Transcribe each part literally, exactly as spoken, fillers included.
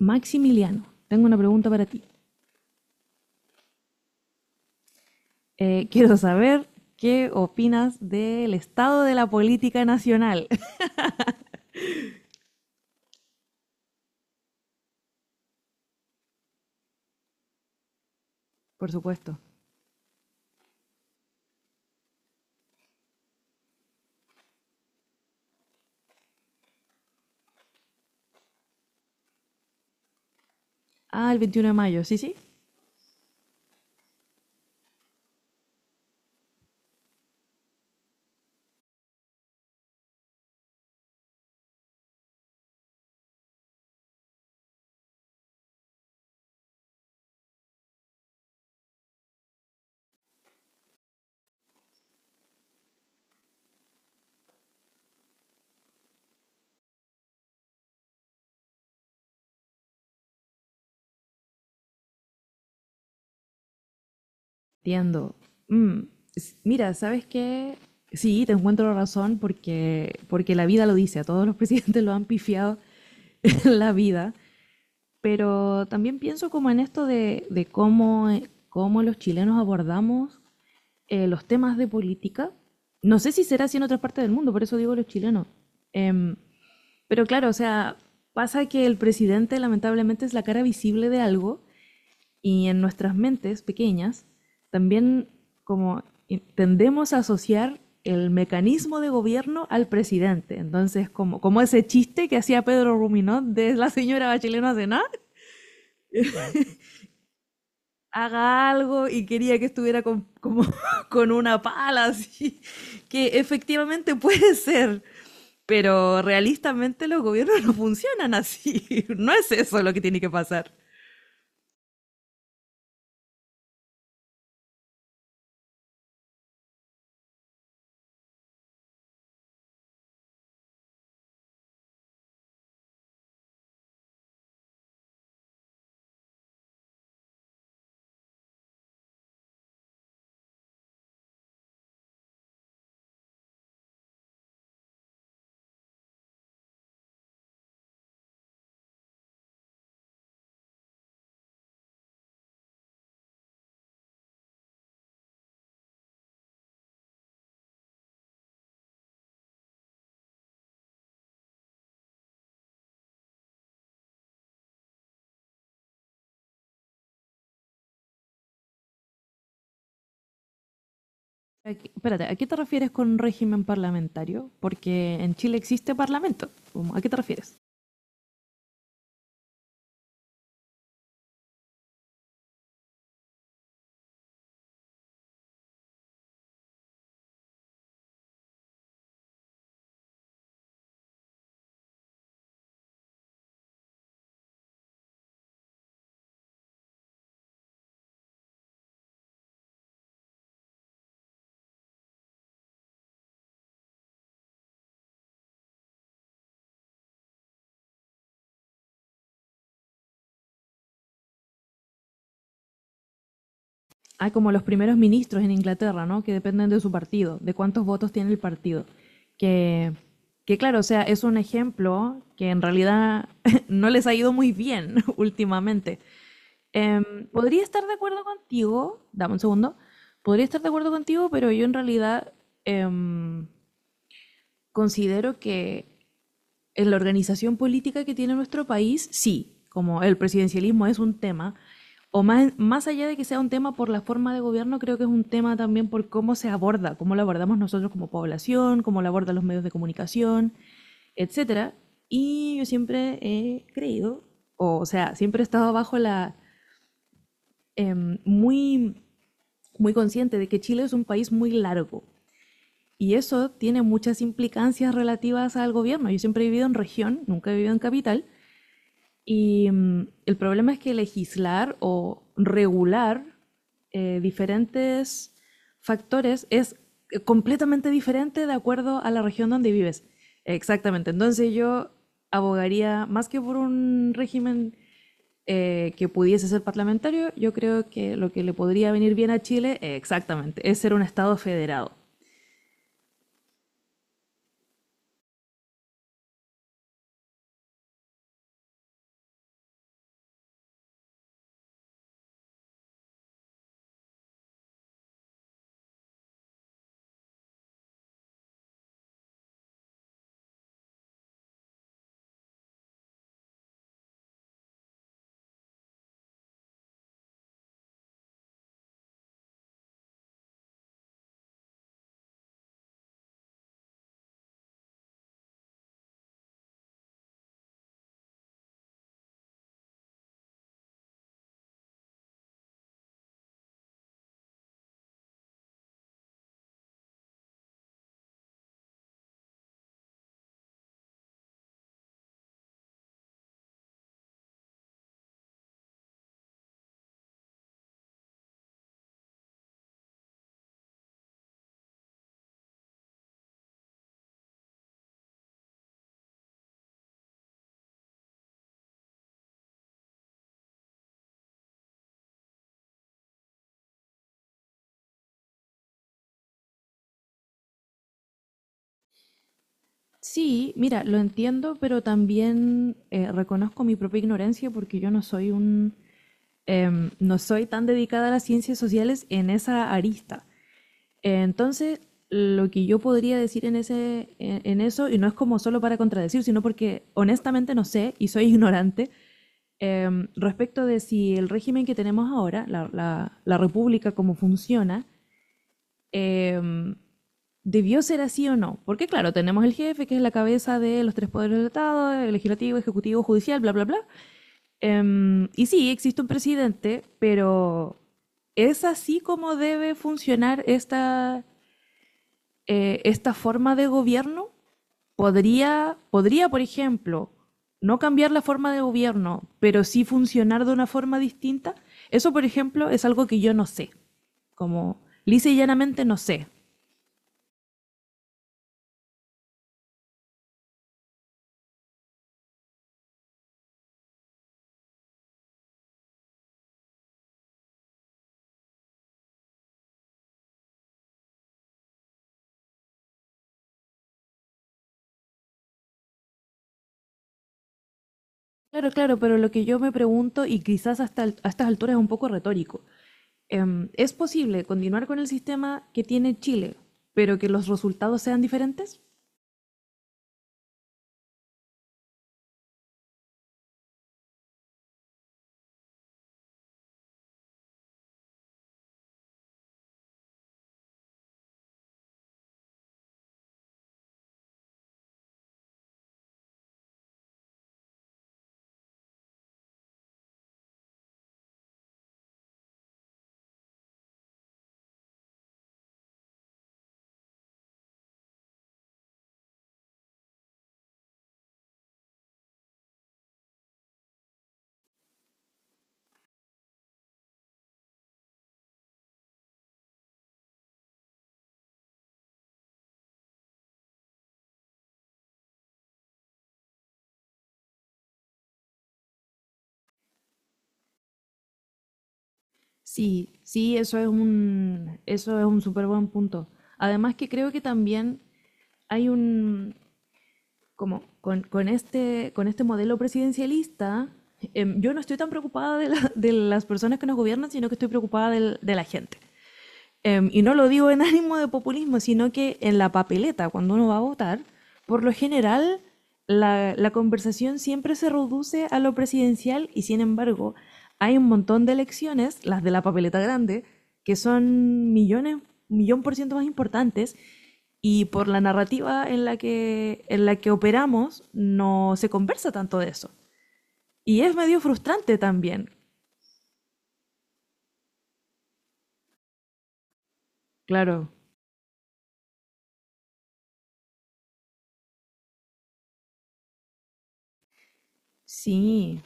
Maximiliano, tengo una pregunta para ti. Eh, quiero saber qué opinas del estado de la política nacional. Por supuesto. Ah, el veintiuno de mayo, sí, sí. Entiendo. Mm, s- mira, ¿sabes qué? Sí, te encuentro la razón porque, porque la vida lo dice, a todos los presidentes lo han pifiado en la vida, pero también pienso como en esto de, de cómo, eh, cómo los chilenos abordamos eh, los temas de política, no sé si será así en otras partes del mundo, por eso digo los chilenos. Em, pero claro, o sea, pasa que el presidente lamentablemente es la cara visible de algo y en nuestras mentes pequeñas también como tendemos a asociar el mecanismo de gobierno al presidente. Entonces, como, como ese chiste que hacía Pedro Ruminot de la señora Bachelet no hace nada, haga algo y quería que estuviera con, como con una pala, así, que efectivamente puede ser, pero realistamente los gobiernos no funcionan así, no es eso lo que tiene que pasar. Aquí- espérate, ¿a qué te refieres con régimen parlamentario? Porque en Chile existe parlamento. ¿Cómo- ¿A qué te refieres? Hay como los primeros ministros en Inglaterra, ¿no? Que dependen de su partido, de cuántos votos tiene el partido. Que, que claro, o sea, es un ejemplo que en realidad no les ha ido muy bien últimamente. Em, podría estar de acuerdo contigo, dame un segundo, podría estar de acuerdo contigo, pero yo en realidad em, considero que en la organización política que tiene nuestro país, sí, como el presidencialismo es un tema, o más, más allá de que sea un tema por la forma de gobierno, creo que es un tema también por cómo se aborda, cómo lo abordamos nosotros como población, cómo lo abordan los medios de comunicación, etcétera. Y yo siempre he creído, o, o sea, siempre he estado bajo la eh, muy muy consciente de que Chile es un país muy largo y eso tiene muchas implicancias relativas al gobierno. Yo siempre he vivido en región, nunca he vivido en capital. Y mm, el problema es que legislar o regular eh, diferentes factores es eh, completamente diferente de acuerdo a la región donde vives. Exactamente. Entonces yo abogaría más que por un régimen eh, que pudiese ser parlamentario, yo creo que lo que le podría venir bien a Chile, eh, exactamente, es ser un Estado federado. Sí, mira, lo entiendo, pero también eh, reconozco mi propia ignorancia porque yo no soy un, em, no soy tan dedicada a las ciencias sociales en esa arista. Eh, entonces, lo que yo podría decir en ese, en, en eso, y no es como solo para contradecir, sino porque honestamente no sé y soy ignorante, em, respecto de si el régimen que tenemos ahora, la, la- la república, cómo funciona. Em, ¿Debió ser así o no? Porque claro, tenemos el jefe, que es la cabeza de los tres poderes del Estado, el legislativo, ejecutivo, judicial, bla, bla, bla. Em, y sí, existe un presidente, pero ¿es así como debe funcionar esta, eh, esta forma de gobierno? ¿Podría, podría, por ejemplo, no cambiar la forma de gobierno, pero sí funcionar de una forma distinta? Eso, por ejemplo, es algo que yo no sé. Como lisa y llanamente no sé. Claro, claro, pero lo que yo me pregunto, y quizás hasta al- a estas alturas es un poco retórico, em, ¿es posible continuar con el sistema que tiene Chile, pero que los resultados sean diferentes? Sí, sí, eso es un, eso es un súper buen punto. Además que creo que también hay un, como con, con este, con este modelo presidencialista, em, yo no estoy tan preocupada de, la- de las personas que nos gobiernan, sino que estoy preocupada del- de la gente. Em, y no lo digo en ánimo de populismo, sino que en la papeleta, cuando uno va a votar, por lo general la, la conversación siempre se reduce a lo presidencial y sin embargo hay un montón de elecciones, las de la papeleta grande, que son millones, millón por ciento más importantes y por la narrativa en la que, en la que operamos no se conversa tanto de eso. Y es medio frustrante también. Claro. Sí,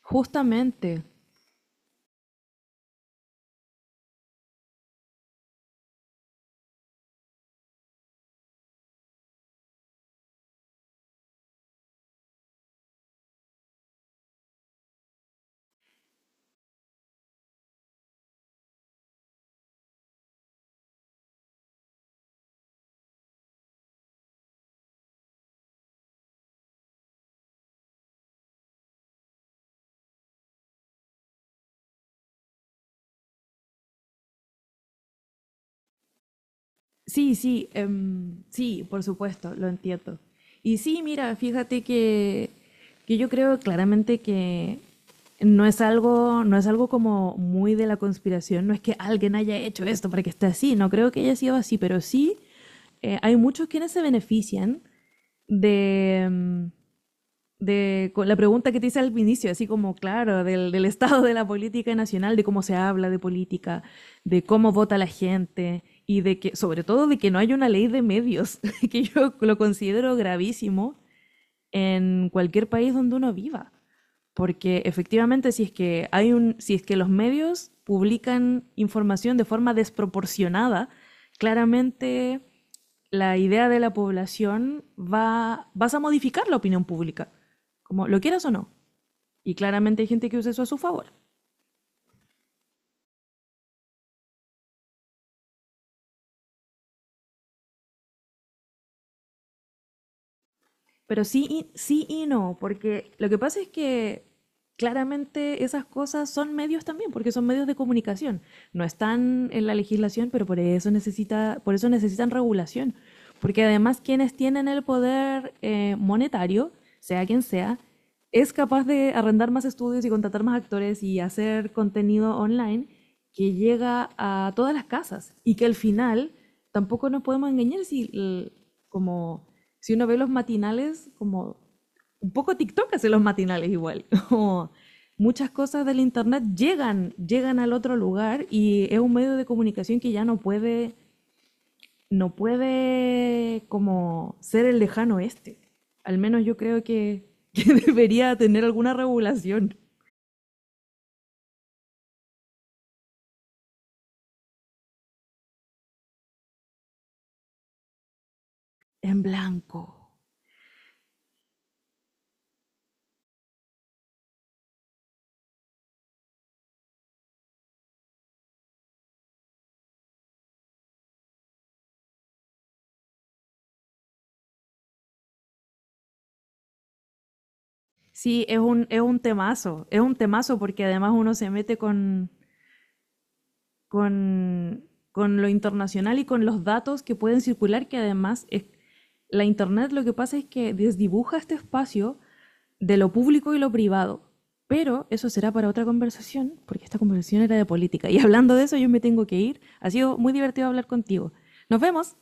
justamente. Sí, sí, em, sí, por supuesto, lo entiendo. Y sí, mira, fíjate que, que yo creo claramente que no es algo, no es algo como muy de la conspiración, no es que alguien haya hecho esto para que esté así, no creo que haya sido así, pero sí eh, hay muchos quienes se benefician de, em, de con la pregunta que te hice al inicio, así como, claro, del, del estado de la política nacional, de cómo se habla de política, de cómo vota la gente y de que, sobre todo, de que no hay una ley de medios, que yo lo considero gravísimo en cualquier país donde uno viva. Porque efectivamente, si es que hay un, si es que los medios publican información de forma desproporcionada, claramente la idea de la población va, vas a modificar la opinión pública, como lo quieras o no. Y claramente hay gente que usa eso a su favor. Pero sí y, sí y no, porque lo que pasa es que claramente esas cosas son medios también, porque son medios de comunicación. No están en la legislación, pero por eso, necesita, por eso necesitan regulación. Porque además quienes tienen el poder eh, monetario, sea quien sea, es capaz de arrendar más estudios y contratar más actores y hacer contenido online que llega a todas las casas y que al final tampoco nos podemos engañar si como si uno ve los matinales como un poco TikTok hace los matinales igual como muchas cosas del internet llegan llegan al otro lugar y es un medio de comunicación que ya no puede no puede como ser el lejano oeste. Al menos yo creo que, que debería tener alguna regulación. En blanco. Sí, es un, es un temazo, es un temazo porque además uno se mete con, con, con lo internacional y con los datos que pueden circular, que además es, la Internet lo que pasa es que desdibuja este espacio de lo público y lo privado. Pero eso será para otra conversación, porque esta conversación era de política. Y hablando de eso, yo me tengo que ir. Ha sido muy divertido hablar contigo. Nos vemos.